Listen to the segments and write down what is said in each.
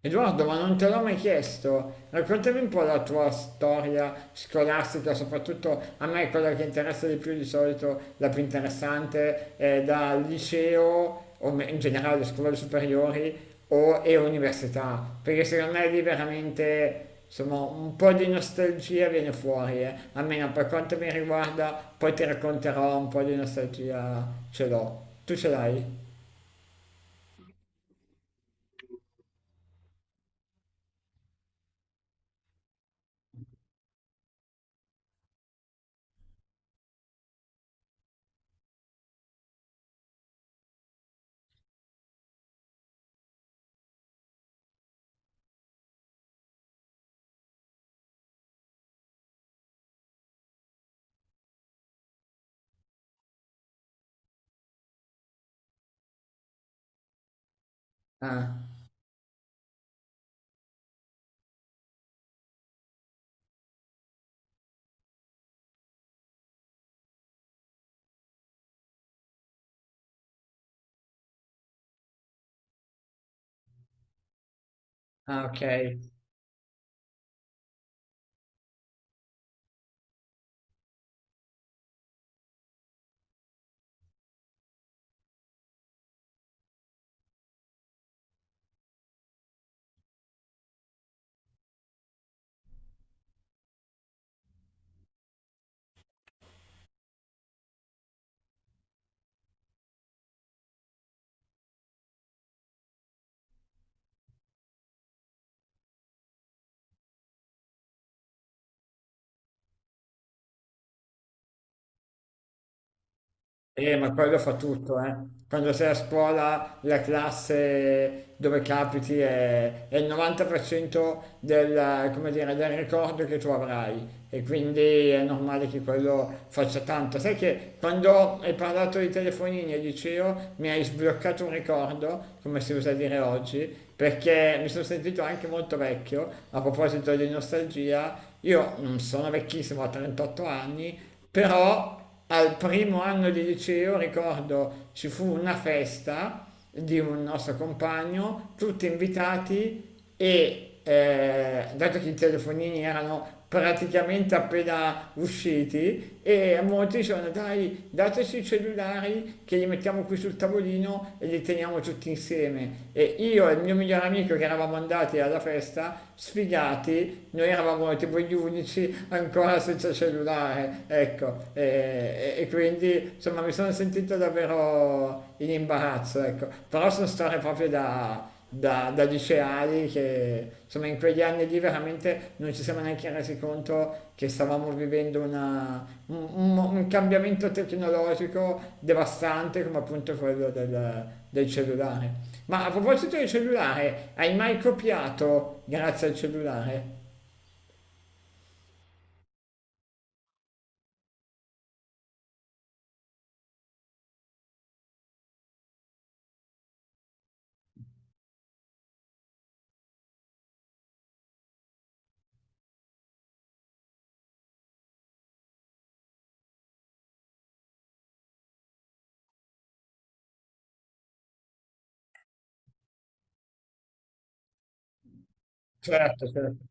Edoardo, ma non te l'ho mai chiesto, raccontami un po' la tua storia scolastica, soprattutto a me quella che interessa di più di solito, la più interessante, è da liceo, o me- in generale scuole superiori o, e università, perché secondo me lì veramente insomma, un po' di nostalgia viene fuori, eh. Almeno per quanto mi riguarda, poi ti racconterò, un po' di nostalgia ce l'ho. Tu ce l'hai? Ah, ah, ok. Ma quello fa tutto, eh. Quando sei a scuola, la classe dove capiti è il 90% del, come dire, del ricordo che tu avrai, e quindi è normale che quello faccia tanto. Sai che quando hai parlato di telefonini al liceo mi hai sbloccato un ricordo, come si usa dire oggi, perché mi sono sentito anche molto vecchio, a proposito di nostalgia, io non sono vecchissimo, ho 38 anni, però al primo anno di liceo, ricordo, ci fu una festa di un nostro compagno, tutti invitati e dato che i telefonini erano praticamente appena usciti e molti dicevano dai dateci i cellulari che li mettiamo qui sul tavolino e li teniamo tutti insieme, e io e il mio migliore amico che eravamo andati alla festa sfigati, noi eravamo tipo gli unici ancora senza cellulare, ecco, e quindi insomma mi sono sentito davvero in imbarazzo, ecco, però sono storie proprio da, da, da liceali, che insomma in quegli anni lì veramente non ci siamo neanche resi conto che stavamo vivendo una, un mo- un cambiamento tecnologico devastante come appunto quello del, del cellulare. Ma a proposito del cellulare, hai mai copiato grazie al cellulare? Certo, certo.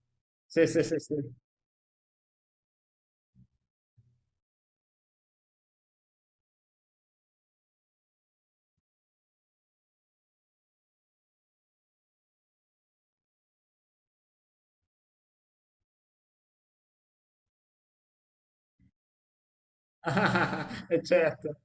Sì, sì, sì, sì. E certo,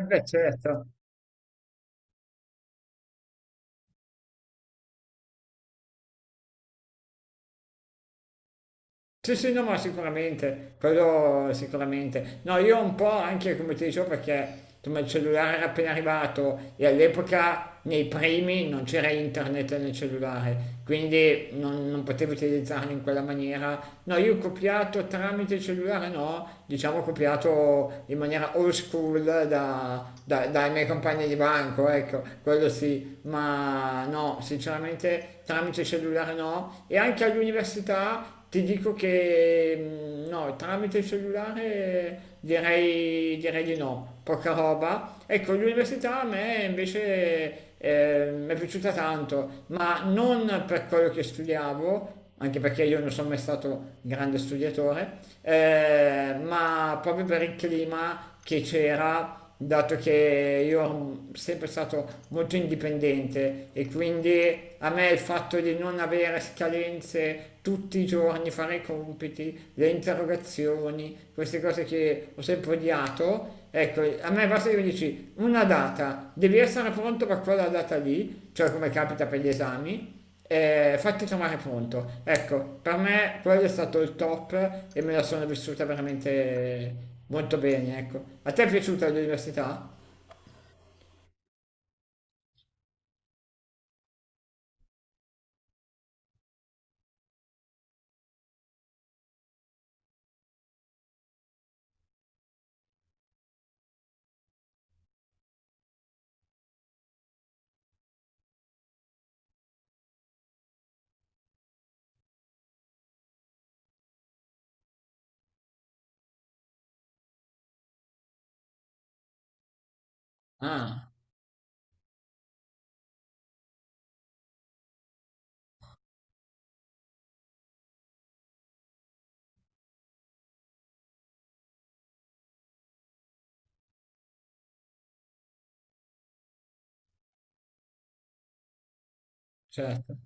e beh certo. Sì, sì, no, ma sicuramente, quello sicuramente. No, io un po', anche come ti dicevo, perché insomma il cellulare era appena arrivato e all'epoca nei primi non c'era internet nel cellulare, quindi non, non potevo utilizzarlo in quella maniera. No, io ho copiato tramite il cellulare, no, diciamo ho copiato in maniera old school da, da- dai miei compagni di banco, ecco, quello sì, ma no, sinceramente tramite cellulare no. E anche all'università ti dico che mm, no, tramite il cellulare direi, direi di no, poca roba. Ecco, l'università a me invece mi è piaciuta tanto, ma non per quello che studiavo, anche perché io non sono mai stato grande studiatore, ma proprio per il clima che c'era, dato che io sono sempre stato molto indipendente e quindi a me il fatto di non avere scadenze tutti i giorni, fare i compiti, le interrogazioni, queste cose che ho sempre odiato, ecco, a me basta che mi dici una data, devi essere pronto per quella data lì, cioè come capita per gli esami, fatti trovare pronto. Ecco, per me quello è stato il top e me la sono vissuta veramente molto bene, ecco. A te è piaciuta l'università? Ah, certo.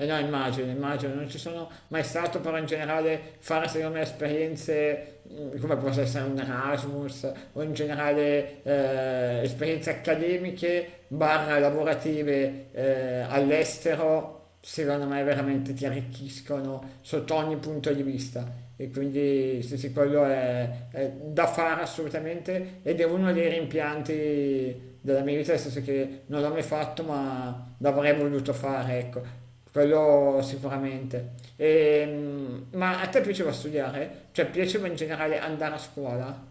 E eh no, immagino, immagino, non ci sono mai stato, però in generale fare secondo me esperienze come possa essere un Erasmus o in generale esperienze accademiche barra lavorative all'estero, secondo me veramente ti arricchiscono sotto ogni punto di vista. E quindi sì, sì, quello è da fare assolutamente, ed è uno dei rimpianti della mia vita, nel senso che non l'ho mai fatto, ma l'avrei voluto fare, ecco. Quello sicuramente. Ma a te piaceva studiare? Cioè, piaceva in generale andare a scuola?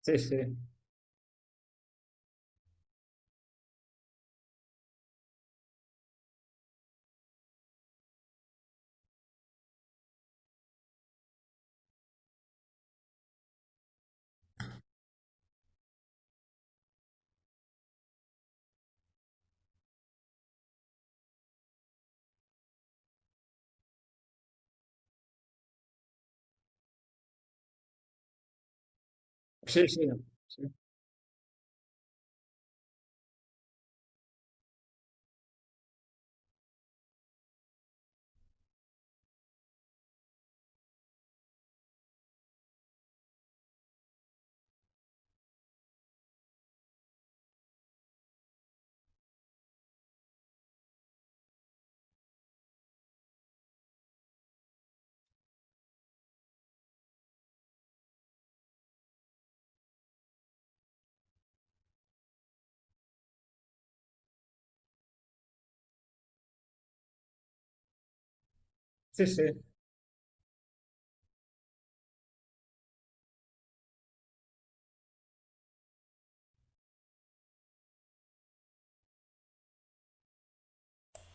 Sì, sì. Sì, sì. Sì, sì. Sì.